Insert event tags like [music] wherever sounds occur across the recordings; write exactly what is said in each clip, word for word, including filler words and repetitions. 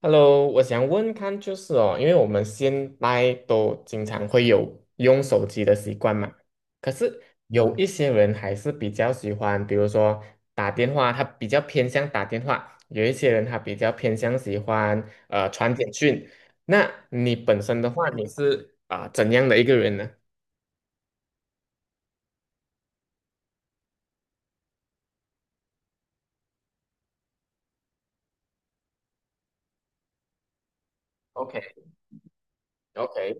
Hello，我想问看就是哦，因为我们现在都经常会有用手机的习惯嘛，可是有一些人还是比较喜欢，比如说打电话，他比较偏向打电话；有一些人他比较偏向喜欢呃传简讯。那你本身的话，你是啊、怎样的一个人呢？OK。 OK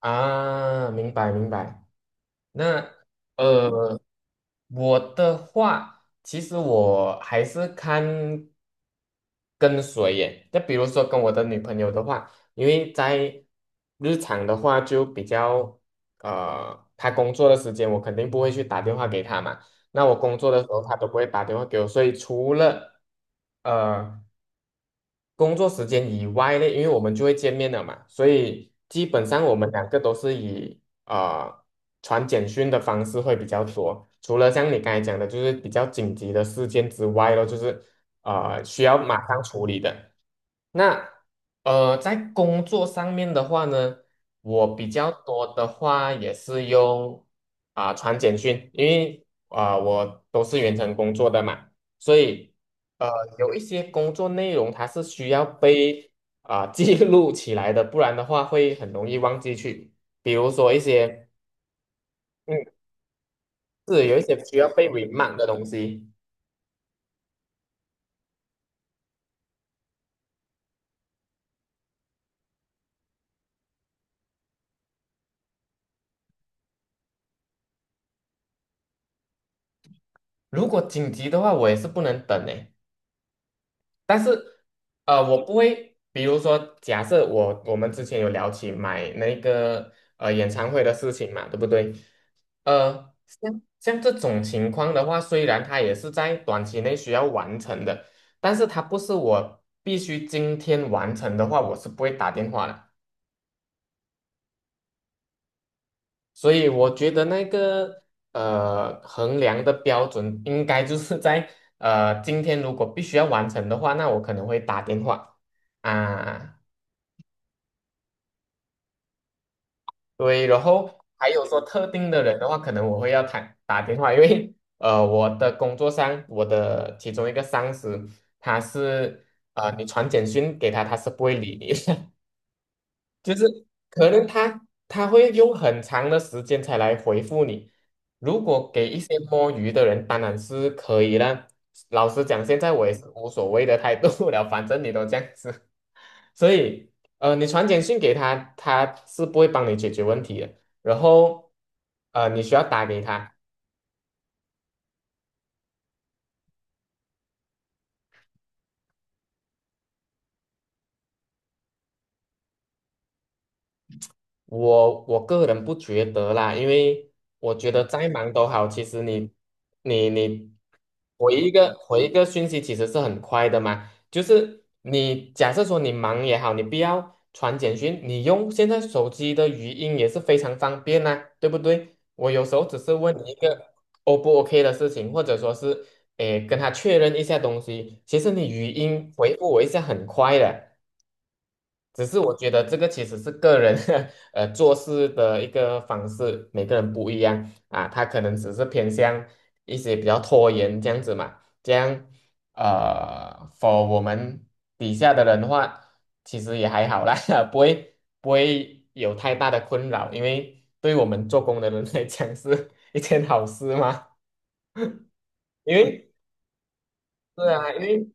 啊，明白明白。那呃，我的话，其实我还是看。跟随耶。就比如说跟我的女朋友的话，因为在日常的话就比较呃，她工作的时间我肯定不会去打电话给她嘛。那我工作的时候她都不会打电话给我，所以除了呃工作时间以外嘞，因为我们就会见面了嘛，所以基本上我们两个都是以呃传简讯的方式会比较多。除了像你刚才讲的，就是比较紧急的事件之外咯，就是呃需要马上处理的。那呃，在工作上面的话呢，我比较多的话也是用啊、传简讯，因为啊、我都是远程工作的嘛，所以。呃，有一些工作内容它是需要被啊、记录起来的，不然的话会很容易忘记去。比如说一些，嗯，是有一些需要被 remind 的东西。如果紧急的话，我也是不能等诶。但是，呃，我不会，比如说，假设我我们之前有聊起买那个呃演唱会的事情嘛，对不对？呃，像像这种情况的话，虽然它也是在短期内需要完成的，但是它不是我必须今天完成的话，我是不会打电话的。所以我觉得那个呃衡量的标准应该就是在呃今天如果必须要完成的话，那我可能会打电话啊。对，然后还有说特定的人的话，可能我会要打打电话，因为呃，我的工作上，我的其中一个上司，他是呃，你传简讯给他，他是不会理你的，[laughs] 就是可能他他会用很长的时间才来回复你。如果给一些摸鱼的人，当然是可以啦。老实讲，现在我也是无所谓的态度了，反正你都这样子。所以呃，你传简讯给他，他是不会帮你解决问题的。然后呃，你需要打给他，我我个人不觉得啦，因为我觉得再忙都好，其实你你你回一个回一个讯息其实是很快的嘛。就是你假设说你忙也好，你不要传简讯，你用现在手机的语音也是非常方便呐、对不对？我有时候只是问你一个 O 不 OK 的事情，或者说是诶跟他确认一下东西，其实你语音回复我一下很快的。只是我觉得这个其实是个人 [laughs] 呃做事的一个方式，每个人不一样啊。他可能只是偏向一些比较拖延这样子嘛，这样呃，for 我们底下的人的话，其实也还好啦，[laughs] 不会不会有太大的困扰，因为对我们做工的人来讲是一件好事嘛。因为是啊，因为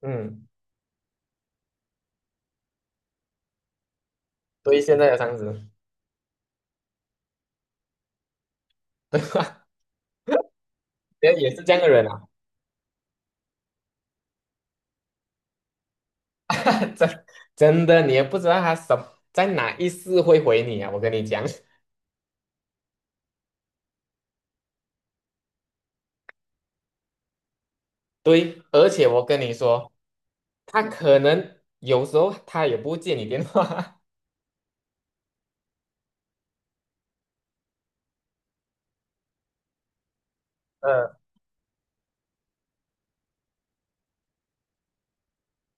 嗯，对现在的上司，对吧？[laughs] 也也是这样的人啊。[laughs] 真真的，你也不知道他什在哪一次会回你啊！我跟你讲，[laughs] 对，而且我跟你说，他可能有时候他也不接你电话。[laughs] 嗯，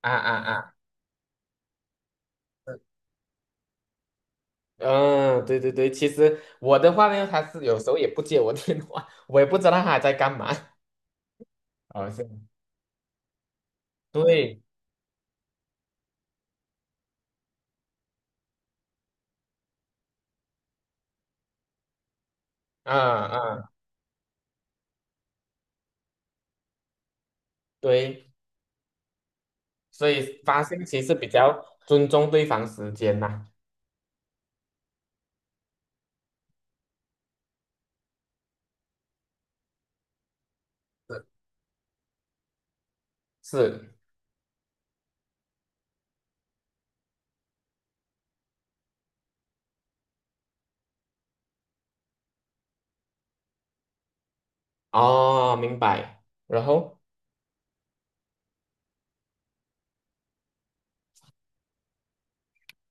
啊啊啊！嗯，对对对，其实我的话呢，他是有时候也不接我电话，[laughs] 我也不知道他在干嘛。哦，是，对，啊啊，对，所以发信息是比较尊重对方时间呐、是，哦，明白。然后。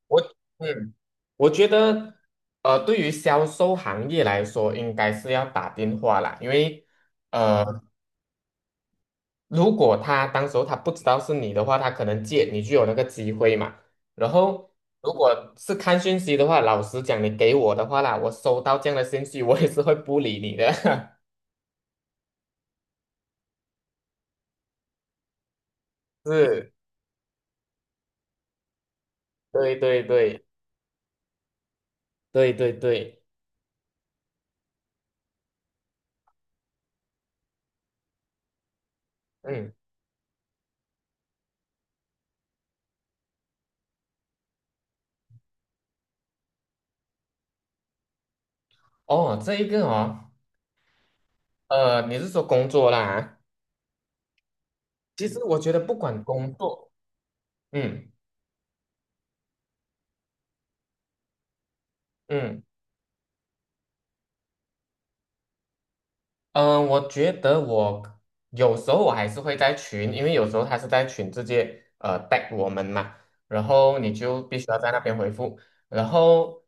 我嗯，我觉得呃，对于销售行业来说，应该是要打电话啦，因为呃，如果他当时候他不知道是你的话，他可能借你就有那个机会嘛。然后如果是看讯息的话，老实讲，你给我的话啦，我收到这样的信息，我也是会不理你的。[laughs] 是，对对对对对对，嗯，哦，这一个哦，呃，你是说工作啦啊？其实我觉得不管工作，嗯嗯。嗯，我觉得我有时候我还是会在群，因为有时候他是在群直接呃带我们嘛，然后你就必须要在那边回复。然后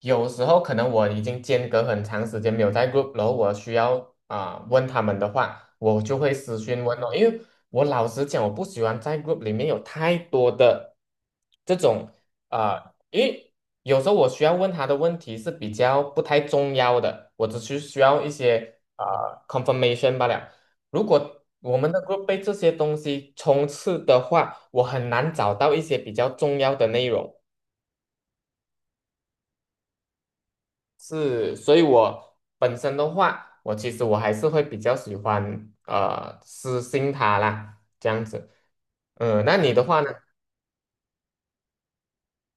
有时候可能我已经间隔很长时间没有在 group，然后我需要啊、问他们的话，我就会私讯问哦，因为我老实讲，我不喜欢在 group 里面有太多的这种。啊。因为有时候我需要问他的问题是比较不太重要的，我只是需要一些啊、呃 confirmation 罢了。如果我们能够被这些东西充斥的话，我很难找到一些比较重要的内容。是，所以我本身的话，我其实我还是会比较喜欢呃私信他啦，这样子。嗯，那你的话呢？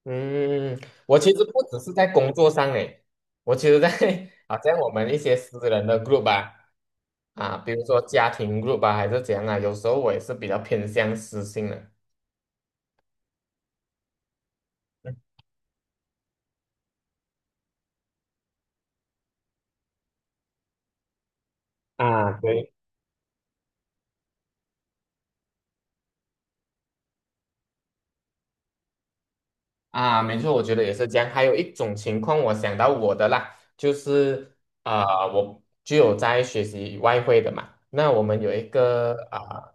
嗯，我其实不只是在工作上诶，我其实在 [laughs] 好像我们一些私人的 group 啊，啊，比如说家庭 group 啊，还是怎样啊，有时候我也是比较偏向私信的。啊，对。啊，没错，我觉得也是这样。还有一种情况，我想到我的啦，就是啊、呃我就有在学习外汇的嘛。那我们有一个啊、呃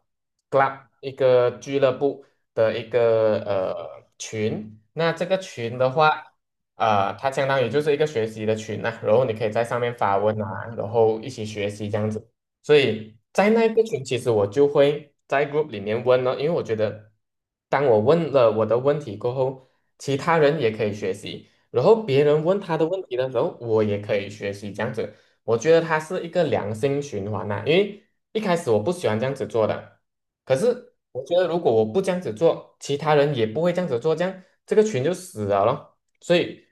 club，一个俱乐部的一个呃群。那这个群的话，呃，它相当于就是一个学习的群呐、然后你可以在上面发问啊，然后一起学习这样子。所以在那个群，其实我就会在 group 里面问了，因为我觉得，当我问了我的问题过后，其他人也可以学习，然后别人问他的问题的时候，我也可以学习，这样子，我觉得它是一个良性循环呐、因为一开始我不喜欢这样子做的，可是我觉得如果我不这样子做，其他人也不会这样子做，这样这个群就死了咯。所以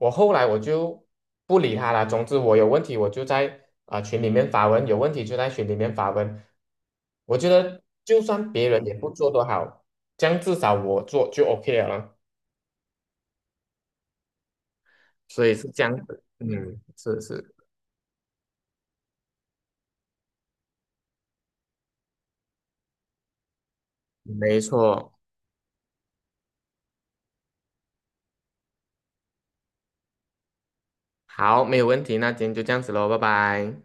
我后来我就不理他了。总之，我有问题我就在啊、群里面发问，有问题就在群里面发问。我觉得就算别人也不做都好，这样至少我做就 OK 了咯。所以是这样子，嗯，是是，没错。好，没有问题，那今天就这样子喽，拜拜。